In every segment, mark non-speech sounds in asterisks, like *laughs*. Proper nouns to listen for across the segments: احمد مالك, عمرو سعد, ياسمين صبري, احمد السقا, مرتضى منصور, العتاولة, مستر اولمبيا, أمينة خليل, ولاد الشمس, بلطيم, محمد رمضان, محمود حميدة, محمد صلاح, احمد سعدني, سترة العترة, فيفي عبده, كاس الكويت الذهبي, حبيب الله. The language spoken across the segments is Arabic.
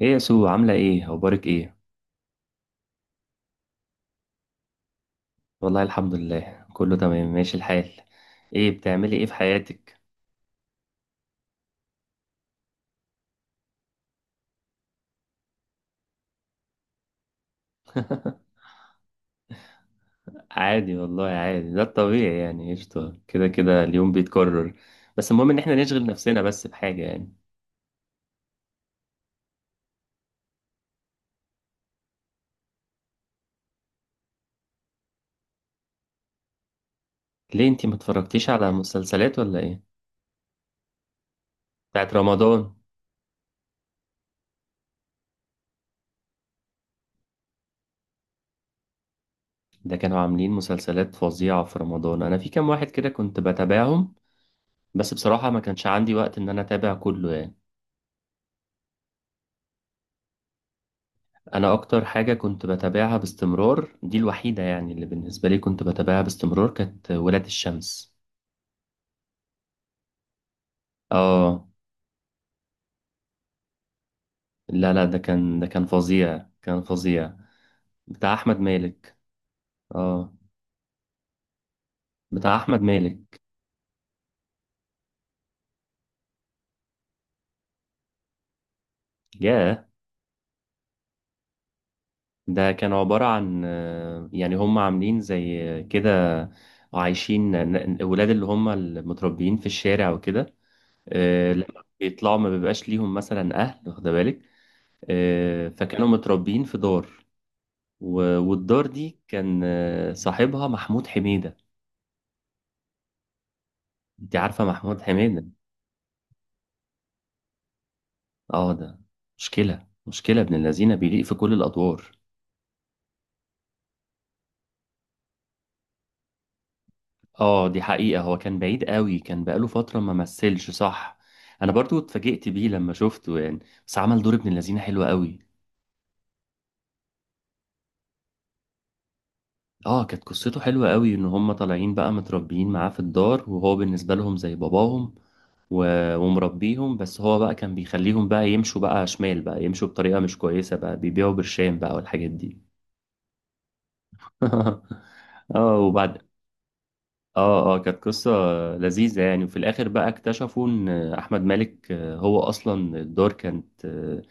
ايه يا سو؟ عاملة ايه؟ اخبارك ايه؟ والله الحمد لله، كله تمام ماشي الحال. ايه بتعملي ايه في حياتك؟ عادي والله عادي، ده الطبيعي يعني، قشطة، كده كده اليوم بيتكرر. بس المهم ان احنا نشغل نفسنا بس بحاجة يعني. ليه انتي ما اتفرجتيش على مسلسلات ولا ايه؟ بتاعت رمضان؟ ده كانوا عاملين مسلسلات فظيعة في رمضان، انا في كام واحد كده كنت بتابعهم، بس بصراحة ما كانش عندي وقت ان انا اتابع كله يعني. انا اكتر حاجه كنت بتابعها باستمرار، دي الوحيده يعني اللي بالنسبه لي كنت بتابعها باستمرار، كانت ولاد الشمس. اه. لا لا، ده كان فظيع، كان فظيع. بتاع احمد مالك. اه، بتاع احمد مالك. ياه، ده كان عباره عن يعني هم عاملين زي كده، عايشين الولاد اللي هم المتربيين في الشارع وكده. لما بيطلعوا ما بيبقاش ليهم مثلا اهل، واخد بالك؟ فكانوا متربيين في دار، والدار دي كان صاحبها محمود حميدة. انت عارفة محمود حميدة؟ اه ده مشكلة، مشكلة ابن الذين، بيليق في كل الأدوار. اه، دي حقيقة، هو كان بعيد قوي، كان بقاله فترة ما مثلش، صح. انا برضو اتفاجئت بيه لما شفته يعني. بس عمل دور ابن الذين حلو قوي. اه كانت قصته حلوة قوي، ان هم طالعين بقى متربيين معاه في الدار، وهو بالنسبة لهم زي باباهم ومربيهم، بس هو بقى كان بيخليهم بقى يمشوا بقى شمال، بقى يمشوا بطريقة مش كويسة، بقى بيبيعوا برشام بقى والحاجات دي. *laughs* اه وبعد. اه كانت قصة لذيذة يعني. وفي الآخر بقى اكتشفوا إن أحمد مالك هو أصلا الدار كانت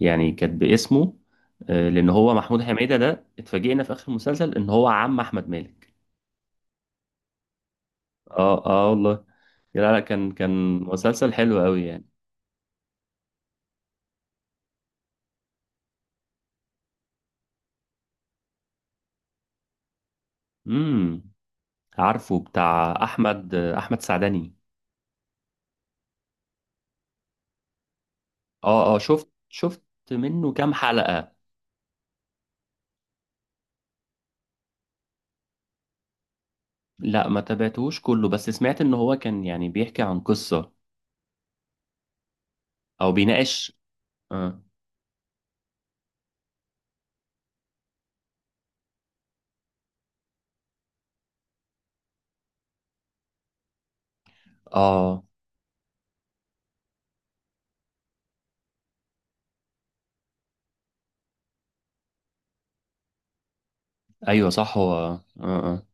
يعني كانت باسمه، لأن هو محمود حميدة ده، اتفاجئنا في آخر المسلسل إن هو عم أحمد مالك. اه والله. لا، كان مسلسل حلو قوي يعني. امم، عارفه بتاع احمد، احمد سعدني؟ اه اه، شفت شفت، منه كام حلقة. لا ما تابعتهوش كله، بس سمعت ان هو كان يعني بيحكي عن قصة او بيناقش. اه. آه. ايوه صح، هو اه اه.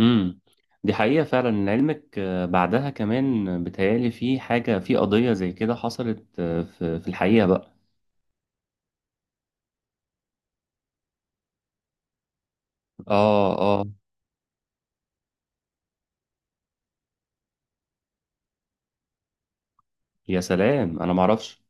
امم، دي حقيقة فعلا، علمك بعدها كمان بتهيألي في حاجة، في قضية زي كده حصلت في في الحقيقة بقى. اه اه، يا سلام انا معرفش.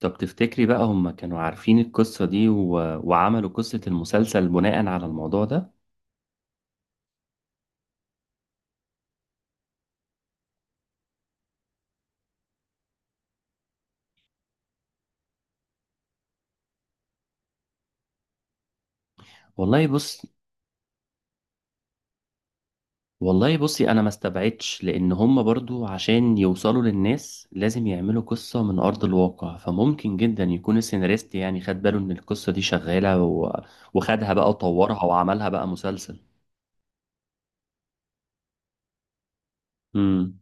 طب تفتكري بقى هم كانوا عارفين القصة دي، و... وعملوا قصة المسلسل بناء على الموضوع ده؟ والله بص، والله بصي، أنا ما استبعدش لأن هم برضو عشان يوصلوا للناس لازم يعملوا قصة من أرض الواقع، فممكن جدا يكون السيناريست يعني خد باله إن القصة دي شغالة، و... وخدها بقى وطورها وعملها بقى مسلسل. امم.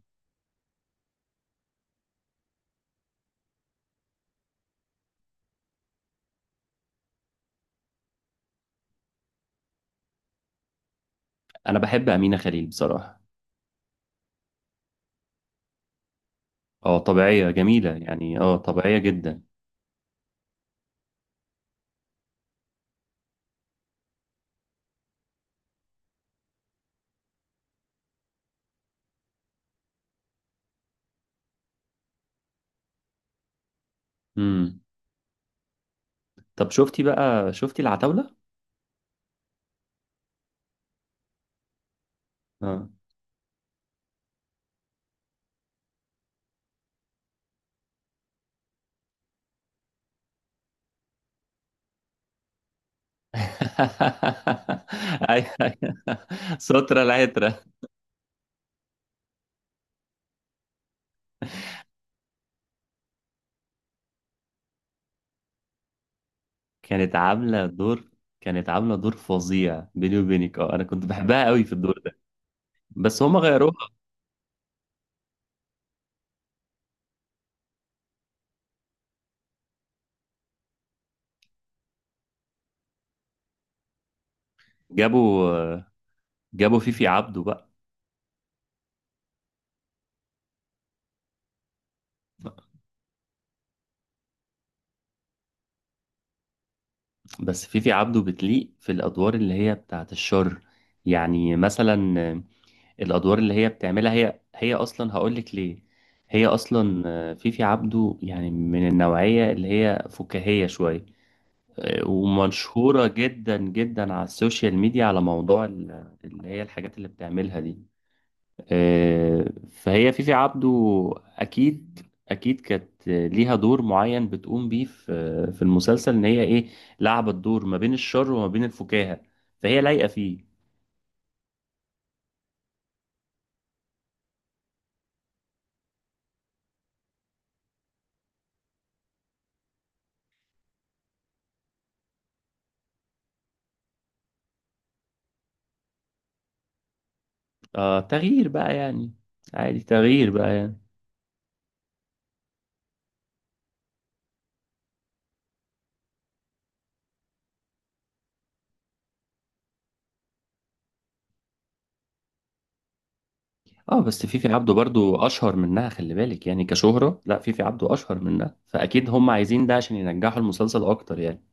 أنا بحب أمينة خليل بصراحة. اه طبيعية جميلة يعني، اه طبيعية جدا. امم. طب شفتي بقى، شفتي العتاولة؟ اه. *laughs* ايوه أيوة. سترة العترة. كانت عاملة دور، كانت عاملة دور فظيع بيني وبينك، اه انا كنت بحبها قوي في الدور ده. بس هما غيروها. جابوا، جابوا فيفي عبده بقى. بس فيفي عبده بتليق في الادوار اللي هي بتاعت الشر، يعني مثلا الادوار اللي هي بتعملها، هي اصلا هقول لك ليه. هي اصلا فيفي عبده يعني من النوعية اللي هي فكاهية شوية، ومشهورة جدا جدا على السوشيال ميديا على موضوع اللي هي الحاجات اللي بتعملها دي. فهي فيفي عبده أكيد، أكيد كانت ليها دور معين بتقوم بيه في في المسلسل، إن هي إيه، لعبت دور ما بين الشر وما بين الفكاهة، فهي لايقة فيه. آه تغيير بقى يعني. عادي، تغيير بقى يعني. اه بس فيفي عبده برضو اشهر منها، خلي بالك يعني كشهرة، لا فيفي عبده اشهر منها، فاكيد هم عايزين ده عشان ينجحوا المسلسل اكتر يعني.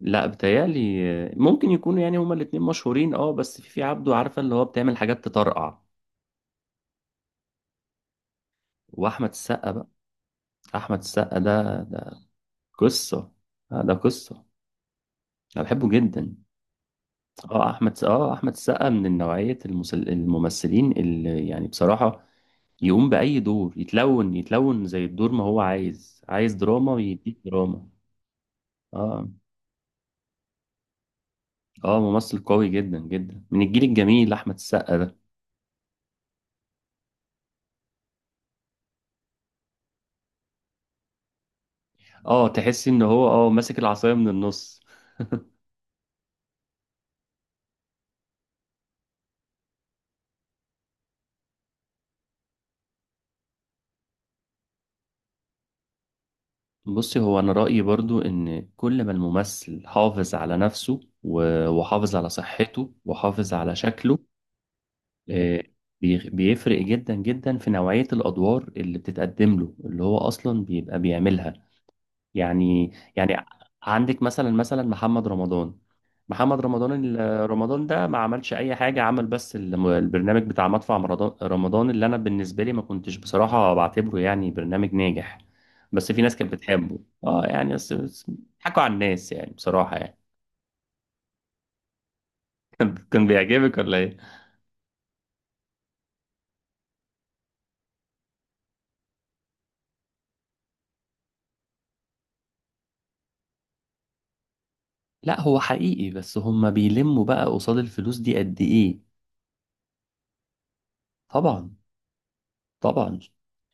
لا بتهيألي ممكن يكونوا يعني هما الاتنين مشهورين، اه بس في في عبده عارفة اللي هو بتعمل حاجات تطرقع. واحمد السقا بقى، احمد السقا ده ده قصة، ده قصة. انا بحبه جدا. اه احمد السقا من نوعية الممثلين اللي يعني بصراحة يقوم بأي دور، يتلون، يتلون زي الدور ما هو عايز، عايز دراما يديك دراما. اه اه ممثل قوي جدا جدا، من الجيل الجميل احمد السقا ده. اه تحس ان هو اه ماسك العصاية من النص. بصي هو أنا رأيي برضو إن كل ما الممثل حافظ على نفسه وحافظ على صحته وحافظ على شكله، آه، بيفرق جدا جدا في نوعية الأدوار اللي بتتقدم له، اللي هو أصلا بيبقى بيعملها يعني. يعني عندك مثلا محمد رمضان. محمد رمضان رمضان ده ما عملش اي حاجه، عمل بس البرنامج بتاع مدفع رمضان، اللي انا بالنسبه لي ما كنتش بصراحه بعتبره يعني برنامج ناجح. بس في ناس كانت بتحبه. اه يعني بس حكوا على الناس يعني بصراحه يعني. *laughs* كان بيعجبك ولا ايه؟ لا هو حقيقي، بس هما بيلموا بقى قصاد الفلوس دي قد ايه. طبعا، طبعا.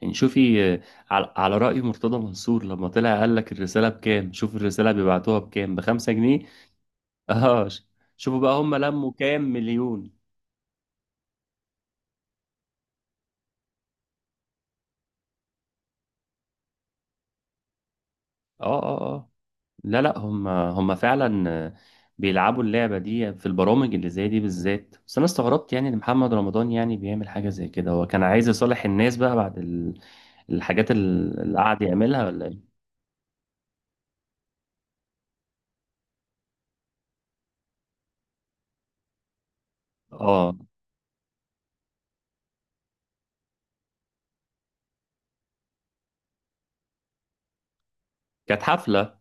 يعني شوفي على على رأي مرتضى منصور، لما طلع قال لك الرسالة بكام، شوف الرسالة بيبعتوها بكام، بخمسة جنيه. اه ش- شوفوا بقى هم لموا كام مليون. اه اه اه. لا لا، هم فعلا بيلعبوا اللعبة دي في البرامج اللي زي دي بالذات. بس انا استغربت يعني ان محمد رمضان يعني بيعمل حاجة زي كده، هو كان عايز يصالح الناس بقى بعد الحاجات اللي قعد يعملها ولا ايه. اه، كانت حفلة.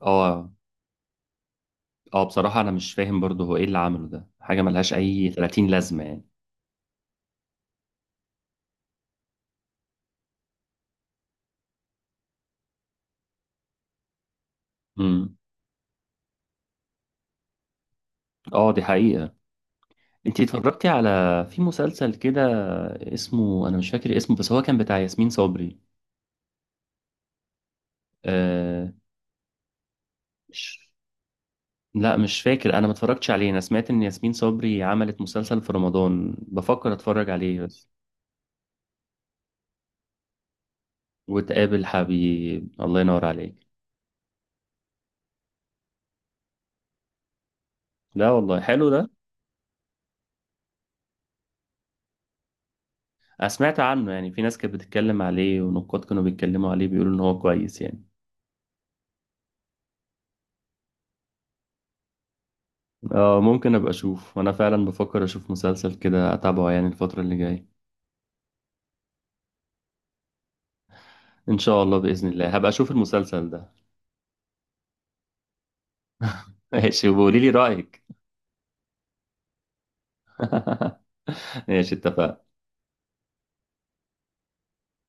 اه اه، بصراحة انا مش فاهم برضه هو ايه اللي عمله ده، حاجة ملهاش اي 30 لازمة يعني. امم. اه دي حقيقة. انتي اتفرجتي على، في مسلسل كده اسمه، انا مش فاكر اسمه، بس هو كان بتاع ياسمين صبري. آه... مش... لا مش فاكر، انا ما اتفرجتش عليه، انا سمعت ان ياسمين صبري عملت مسلسل في رمضان، بفكر اتفرج عليه بس. وتقابل حبيب، الله ينور عليك. لا والله حلو ده. انا سمعت عنه يعني، في ناس كانت بتتكلم عليه، ونقاد كانوا بيتكلموا عليه بيقولوا ان هو كويس يعني. اه ممكن ابقى اشوف، وانا فعلا بفكر اشوف مسلسل كده اتابعه يعني الفترة اللي جاية. ان شاء الله باذن الله هبقى اشوف المسلسل ده. ماشي وقولي لي رأيك. *laughs* ماشي، اتفقنا.